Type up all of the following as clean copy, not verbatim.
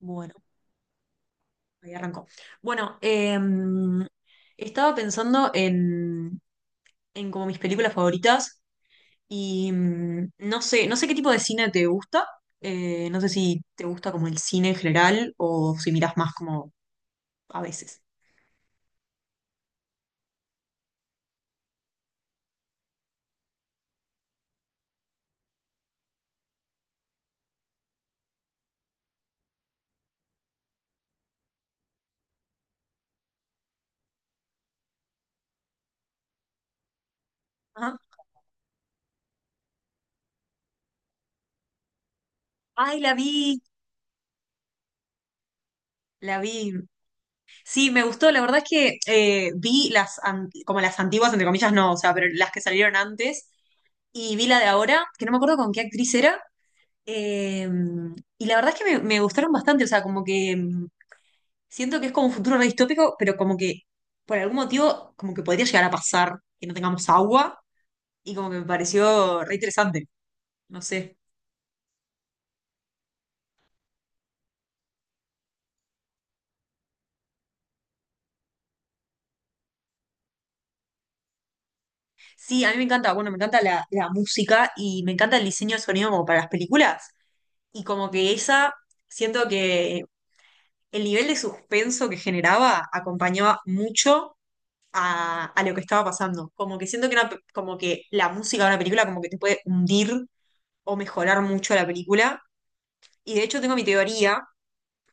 Bueno, ahí arrancó. Bueno, estaba pensando en como mis películas favoritas y no sé, no sé qué tipo de cine te gusta. No sé si te gusta como el cine en general o si mirás más como a veces. Ajá. Ay, la vi, la vi. Sí, me gustó. La verdad es que vi las como las antiguas, entre comillas, no, o sea, pero las que salieron antes y vi la de ahora, que no me acuerdo con qué actriz era. Eh, y la verdad es que me gustaron bastante, o sea, como que siento que es como un futuro re distópico, pero como que por algún motivo como que podría llegar a pasar que no tengamos agua y como que me pareció re interesante, no sé. Sí, a mí me encanta, bueno, me encanta la música y me encanta el diseño de sonido como para las películas y como que esa, siento que el nivel de suspenso que generaba acompañaba mucho a lo que estaba pasando. Como que siento que, una como que la música de una película como que te puede hundir o mejorar mucho la película. Y de hecho tengo mi teoría,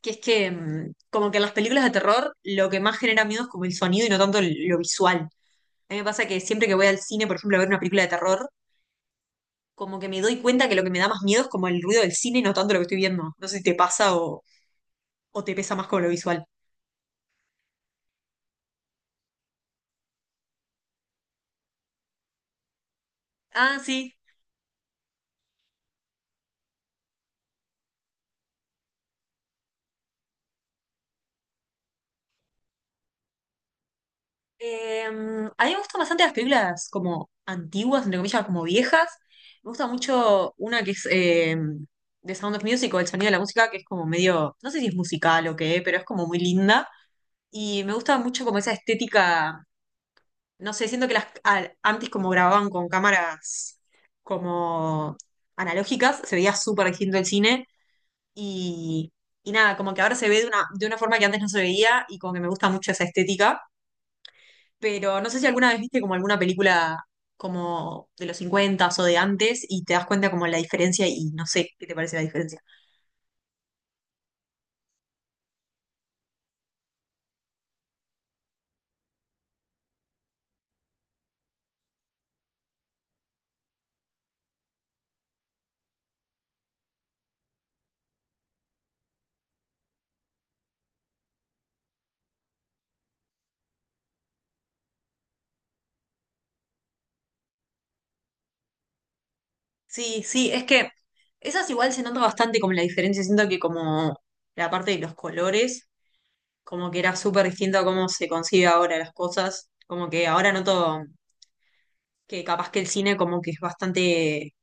que es que como que en las películas de terror lo que más genera miedo es como el sonido y no tanto lo visual. A mí me pasa que siempre que voy al cine, por ejemplo, a ver una película de terror, como que me doy cuenta que lo que me da más miedo es como el ruido del cine y no tanto lo que estoy viendo. No sé si te pasa o te pesa más con lo visual. Ah, sí. A mí me gustan bastante las películas como antiguas, entre comillas, como viejas. Me gusta mucho una que es de Sound of Music o El sonido de la música, que es como medio, no sé si es musical o qué, pero es como muy linda. Y me gusta mucho como esa estética, no sé, siento que las antes como grababan con cámaras como analógicas, se veía súper distinto el cine. Y, y nada, como que ahora se ve de una forma que antes no se veía y como que me gusta mucho esa estética. Pero no sé si alguna vez viste como alguna película como de los 50 o de antes y te das cuenta como la diferencia y no sé qué te parece la diferencia. Sí, sí, es que esas igual se nota bastante como la diferencia. Siento que como la parte de los colores, como que era súper distinto a cómo se concibe ahora las cosas. Como que ahora noto que capaz que el cine como que es bastante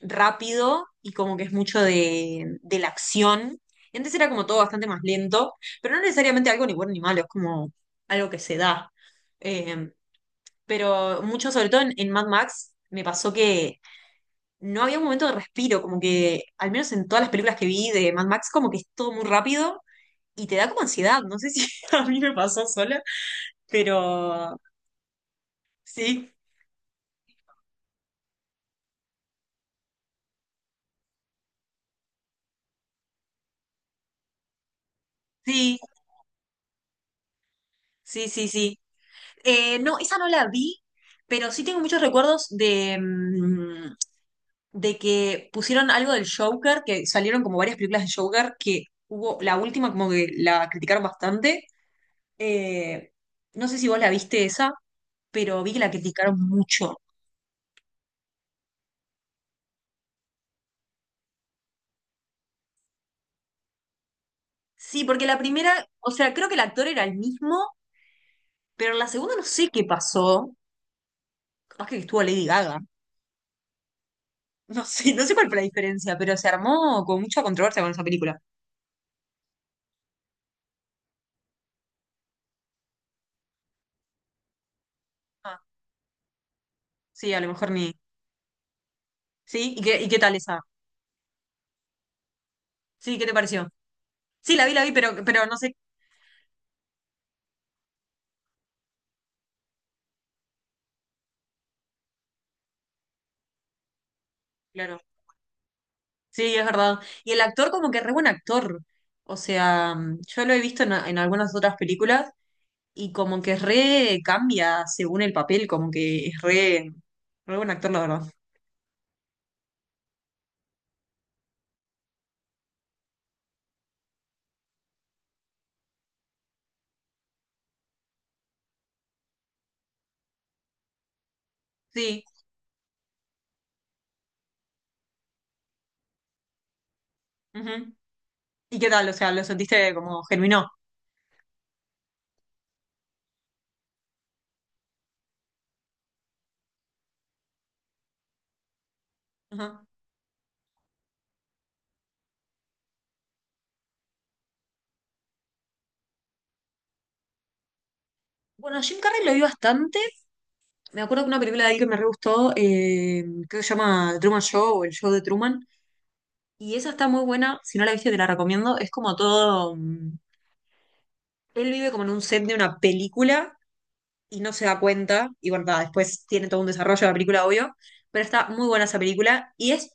rápido y como que es mucho de la acción. Y antes era como todo bastante más lento, pero no necesariamente algo ni bueno ni malo, es como algo que se da. Eh, pero mucho, sobre todo en Mad Max, me pasó que no había un momento de respiro, como que al menos en todas las películas que vi de Mad Max, como que es todo muy rápido y te da como ansiedad. No sé si a mí me pasó sola, pero sí, sí, sí, sí, sí. No, esa no la vi, pero sí tengo muchos recuerdos de que pusieron algo del Joker, que salieron como varias películas de Joker, que hubo la última como que la criticaron bastante. Eh, no sé si vos la viste esa, pero vi que la criticaron mucho. Sí, porque la primera, o sea, creo que el actor era el mismo, pero en la segunda no sé qué pasó. Capaz que estuvo Lady Gaga. No sé, no sé cuál fue la diferencia, pero se armó con mucha controversia con esa película. Ah, sí, a lo mejor ni. ¿Sí? Y qué tal esa? Sí, ¿qué te pareció? Sí, la vi, pero no sé. Claro. Sí, es verdad. Y el actor como que re buen actor. O sea, yo lo he visto en algunas otras películas y como que re cambia según el papel, como que es re, re buen actor, la verdad. Sí. Ujú. ¿Y qué tal? O sea, ¿lo sentiste como germinó? Ajá. Bueno, Jim Carrey lo vi bastante. Me acuerdo que una película de él que me re gustó, creo que se llama Truman Show o El Show de Truman. Y esa está muy buena, si no la viste te la recomiendo. Es como todo... Él vive como en un set de una película y no se da cuenta. Y bueno, nada, después tiene todo un desarrollo de la película, obvio. Pero está muy buena esa película. Y es,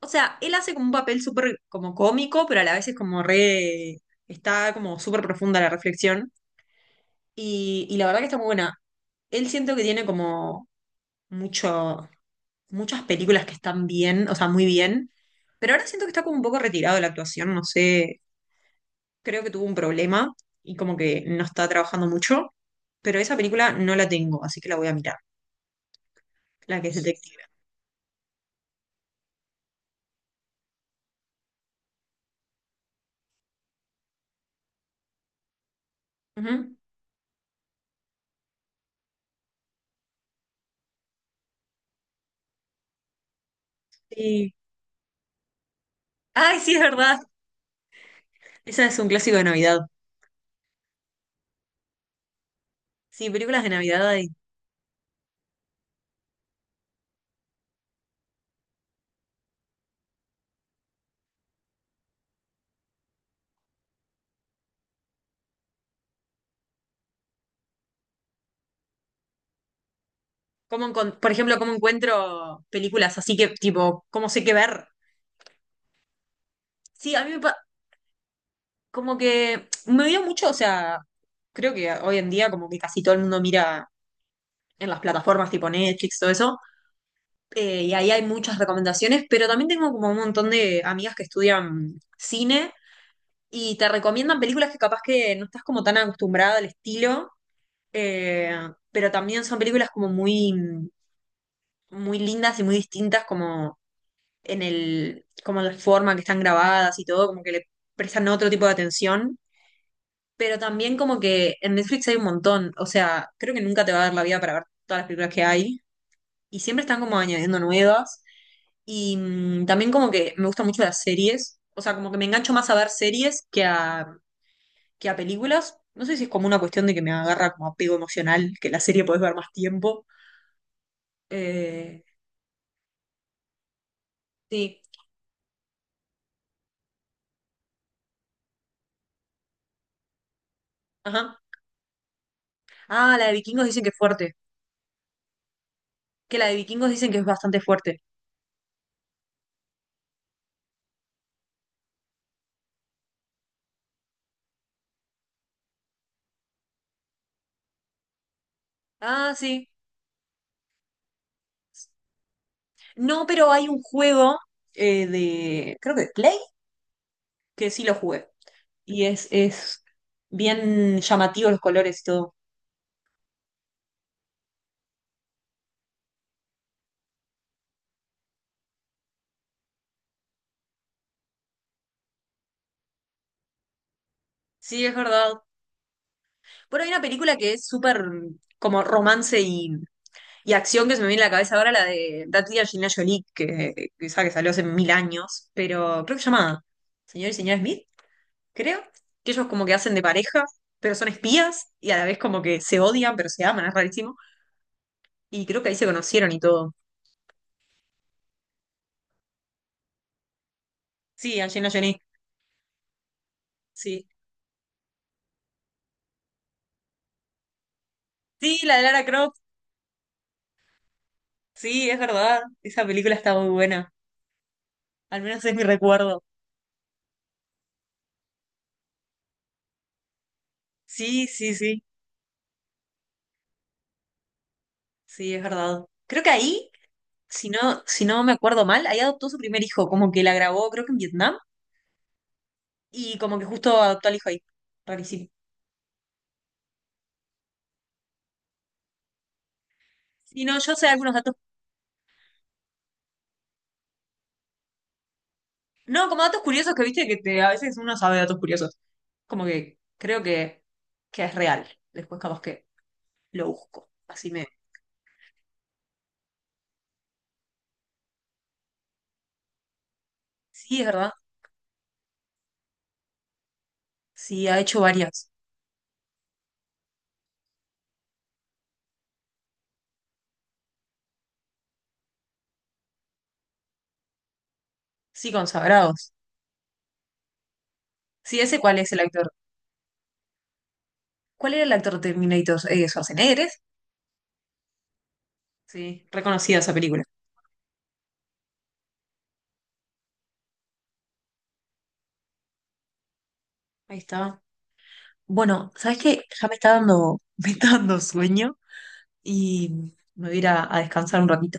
o sea, él hace como un papel súper como cómico, pero a la vez es como re. Está como súper profunda la reflexión. Y la verdad que está muy buena. Él siento que tiene como mucho, muchas películas que están bien, o sea, muy bien. Pero ahora siento que está como un poco retirado de la actuación, no sé, creo que tuvo un problema y como que no está trabajando mucho, pero esa película no la tengo, así que la voy a mirar, la que es detective. Ujú. Sí. Ay, sí, es verdad. Esa es un clásico de Navidad. Sí, películas de Navidad. Y ¿Cómo por ejemplo, cómo encuentro películas así que, tipo, cómo sé qué ver? Sí, a mí como que me dio mucho, o sea, creo que hoy en día como que casi todo el mundo mira en las plataformas tipo Netflix, todo eso. Y ahí hay muchas recomendaciones, pero también tengo como un montón de amigas que estudian cine y te recomiendan películas que capaz que no estás como tan acostumbrada al estilo, eh, pero también son películas como muy, muy lindas y muy distintas como en el, como la forma que están grabadas y todo, como que le prestan otro tipo de atención, pero también como que en Netflix hay un montón, o sea, creo que nunca te va a dar la vida para ver todas las películas que hay y siempre están como añadiendo nuevas. Y también como que me gustan mucho las series, o sea, como que me engancho más a ver series que que a películas. No sé si es como una cuestión de que me agarra como apego emocional, que la serie podés ver más tiempo. Eh, sí, ajá. Ah, la de Vikingos dicen que es fuerte, que la de Vikingos dicen que es bastante fuerte. Ah, sí. No, pero hay un juego de, creo que de Play, que sí lo jugué. Y es bien llamativo los colores y todo. Sí, es verdad. Bueno, hay una película que es súper como romance y acción que se me viene a la cabeza ahora, la de Tati y Angelina Jolie, que esa que salió hace mil años, pero creo que se llama Señor y Señora Smith, creo, que ellos como que hacen de pareja, pero son espías y a la vez como que se odian, pero se aman, es rarísimo. Y creo que ahí se conocieron y todo. Sí, Angelina Jolie, sí. Sí, la de Lara Croft, sí, es verdad, esa película está muy buena, al menos es mi recuerdo. Sí, sí, sí, sí, es verdad. Creo que ahí... si no, si no me acuerdo mal, ahí adoptó su primer hijo, como que la grabó, creo que en Vietnam, y como que justo adoptó al hijo ahí. Rarísimo. Si no, yo sé algunos datos. No, como datos curiosos que viste que te- a veces uno sabe datos curiosos. Como que creo que es real. Después capaz que lo busco. Así me... Sí, es verdad. Sí, ha hecho varias. Sí, consagrados. Sí, ese cuál es el actor. ¿Cuál era el actor de Terminator? Schwarzenegger. ¿Es? Sí, reconocida esa película. Ahí está. Bueno, ¿sabes qué? Ya me está dando, me está dando sueño. Y me voy a ir a descansar un ratito.